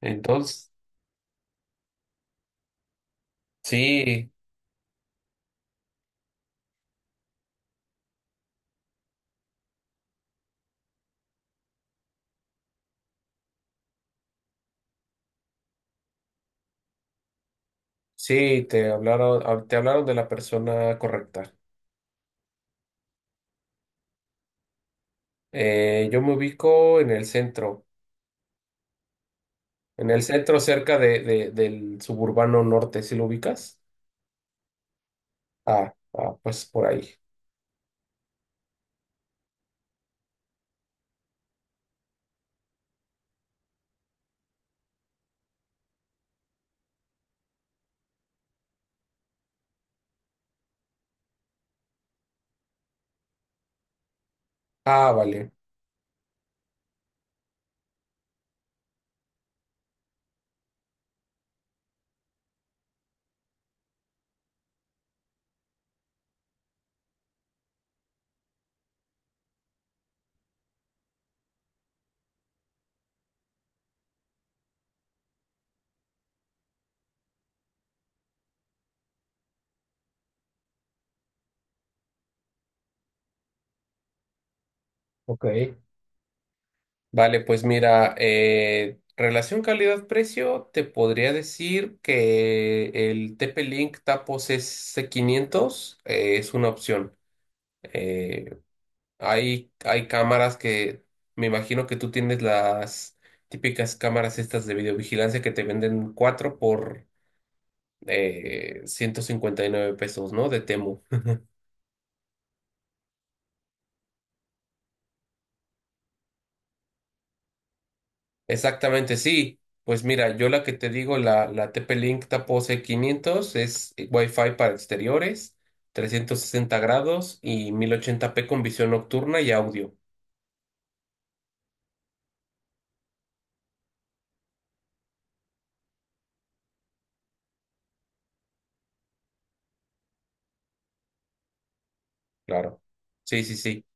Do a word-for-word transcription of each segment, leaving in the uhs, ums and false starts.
Entonces, sí, sí, te hablaron, hab- te hablaron de la persona correcta. Eh, yo me ubico en el centro, en el centro cerca de, de- del suburbano norte, ¿sí lo ubicas? Ah, ah, pues por ahí. Ah, vale. Ok, vale, pues mira, eh, relación calidad-precio, te podría decir que el T P-Link Tapos S quinientos eh, es una opción. Eh, Hay, hay cámaras que me imagino que tú tienes las típicas cámaras estas de videovigilancia que te venden cuatro por eh, ciento cincuenta y nueve pesos, ¿no? De Temu. Exactamente, sí. Pues mira, yo la que te digo, la, la T P-Link Tapose quinientos es Wi-Fi para exteriores, trescientos sesenta grados y mil ochenta p con visión nocturna y audio. Claro. Sí, sí, sí.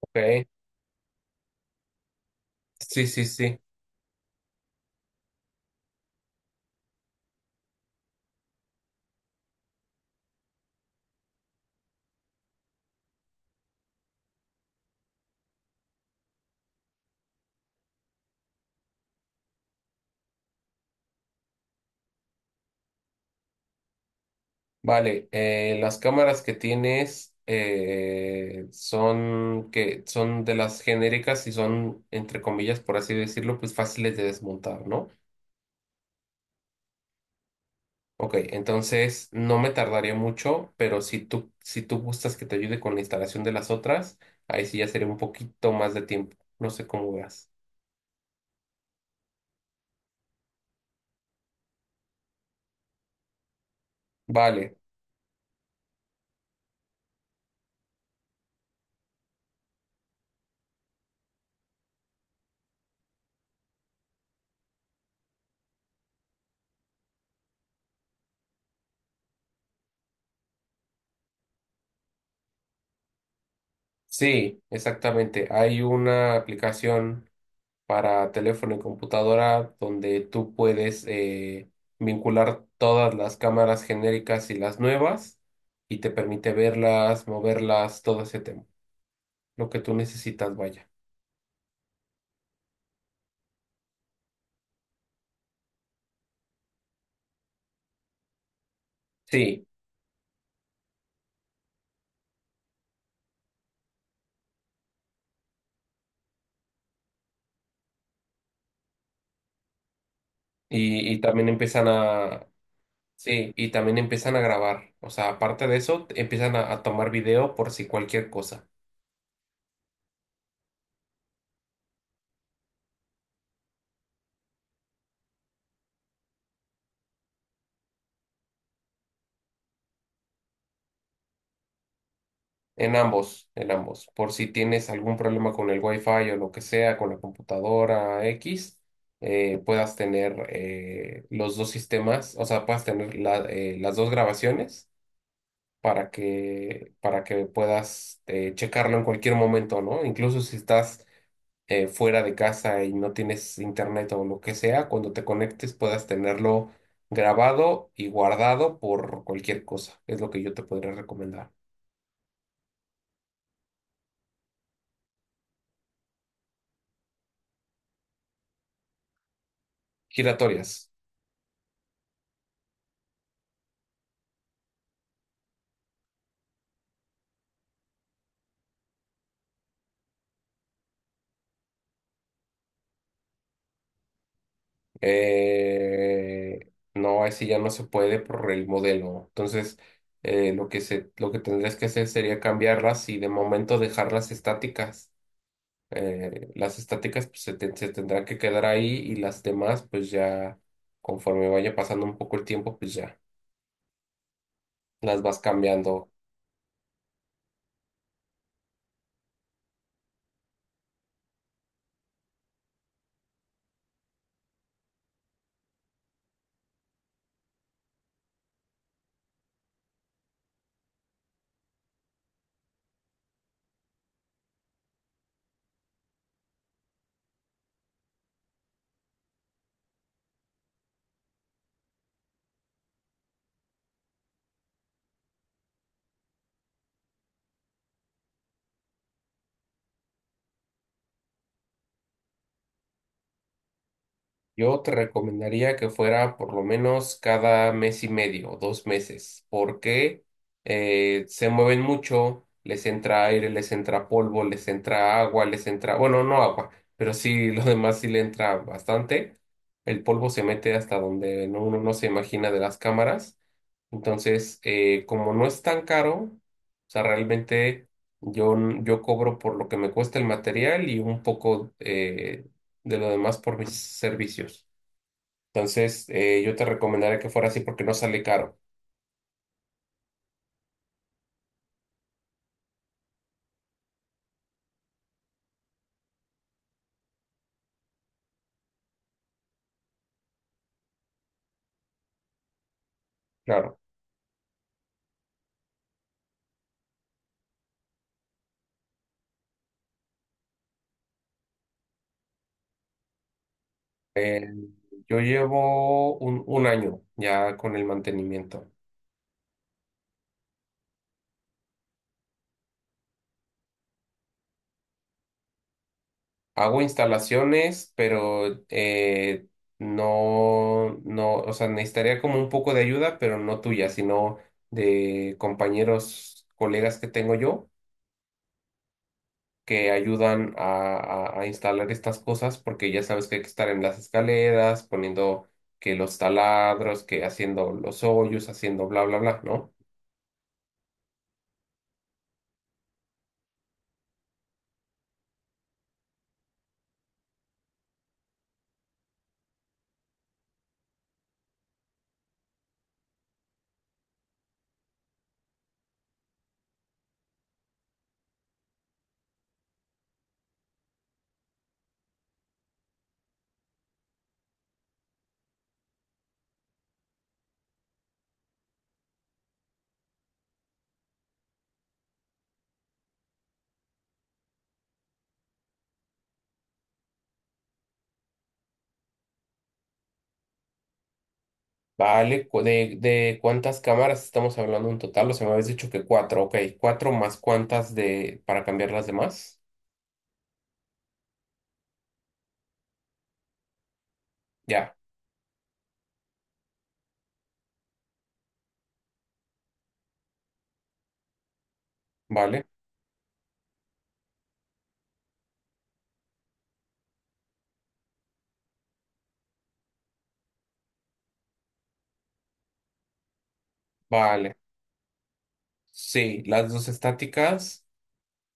Ok. Sí, sí, sí. Vale, eh, las cámaras que tienes eh, son que son de las genéricas y son, entre comillas, por así decirlo, pues fáciles de desmontar, ¿no? Ok, entonces no me tardaría mucho, pero si tú, si tú gustas que te ayude con la instalación de las otras, ahí sí ya sería un poquito más de tiempo. No sé cómo veas. Vale, sí, exactamente. Hay una aplicación para teléfono y computadora, donde tú puedes eh, vincular todas las cámaras genéricas y las nuevas y te permite verlas, moverlas, todo ese tema, lo que tú necesitas, vaya. Sí, y, y también empiezan a, sí, y también empiezan a grabar, o sea, aparte de eso, empiezan a, a tomar video por si cualquier cosa. En ambos, en ambos. Por si tienes algún problema con el Wi-Fi o lo que sea, con la computadora X, eh, puedas tener eh, los dos sistemas, o sea, puedas tener la- eh, las dos grabaciones para que, para que puedas eh, checarlo en cualquier momento, ¿no? Incluso si estás eh, fuera de casa y no tienes internet o lo que sea, cuando te conectes puedas tenerlo grabado y guardado por cualquier cosa. Es lo que yo te podría recomendar. Giratorias. Eh, no, así ya no se puede por el modelo. Entonces, eh, lo que se, lo que tendrías que hacer sería cambiarlas y de momento dejarlas estáticas. Eh, las estáticas pues, se, te- se tendrán que quedar ahí y las demás, pues ya conforme vaya pasando un poco el tiempo, pues ya las vas cambiando. Yo te recomendaría que fuera por lo menos cada mes y medio o dos meses, porque eh, se mueven mucho, les entra aire, les entra polvo, les entra agua, les entra, bueno, no agua, pero sí lo demás sí le entra bastante. El polvo se mete hasta donde no- uno no se imagina de las cámaras. Entonces, eh, como no es tan caro, o sea, realmente yo, yo cobro por lo que me cuesta el material y un poco eh, de lo demás por mis servicios. Entonces, eh, yo te recomendaría que fuera así porque no sale caro. Claro. Eh, yo llevo un, un año ya con el mantenimiento. Hago instalaciones, pero eh, no, no, o sea, necesitaría como un poco de ayuda, pero no tuya, sino de compañeros, colegas que tengo yo que ayudan a, a- a instalar estas cosas, porque ya sabes que hay que estar en las escaleras, poniendo que los taladros, que haciendo los hoyos, haciendo bla, bla, bla, ¿no? Vale, cu- de, de cuántas cámaras estamos hablando en total, o sea, me habías dicho que cuatro, ok, cuatro más cuántas de, para cambiar las demás, ya, vale, vale, sí, las dos estáticas.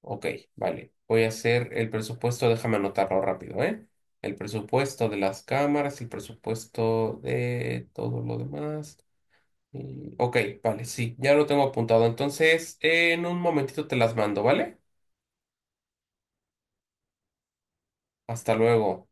Ok, vale. Voy a hacer el presupuesto, déjame anotarlo rápido, ¿eh? El presupuesto de las cámaras, el presupuesto de todo lo demás. y- Ok, vale, sí, ya lo tengo apuntado. Entonces, en un momentito te las mando, ¿vale? Hasta luego.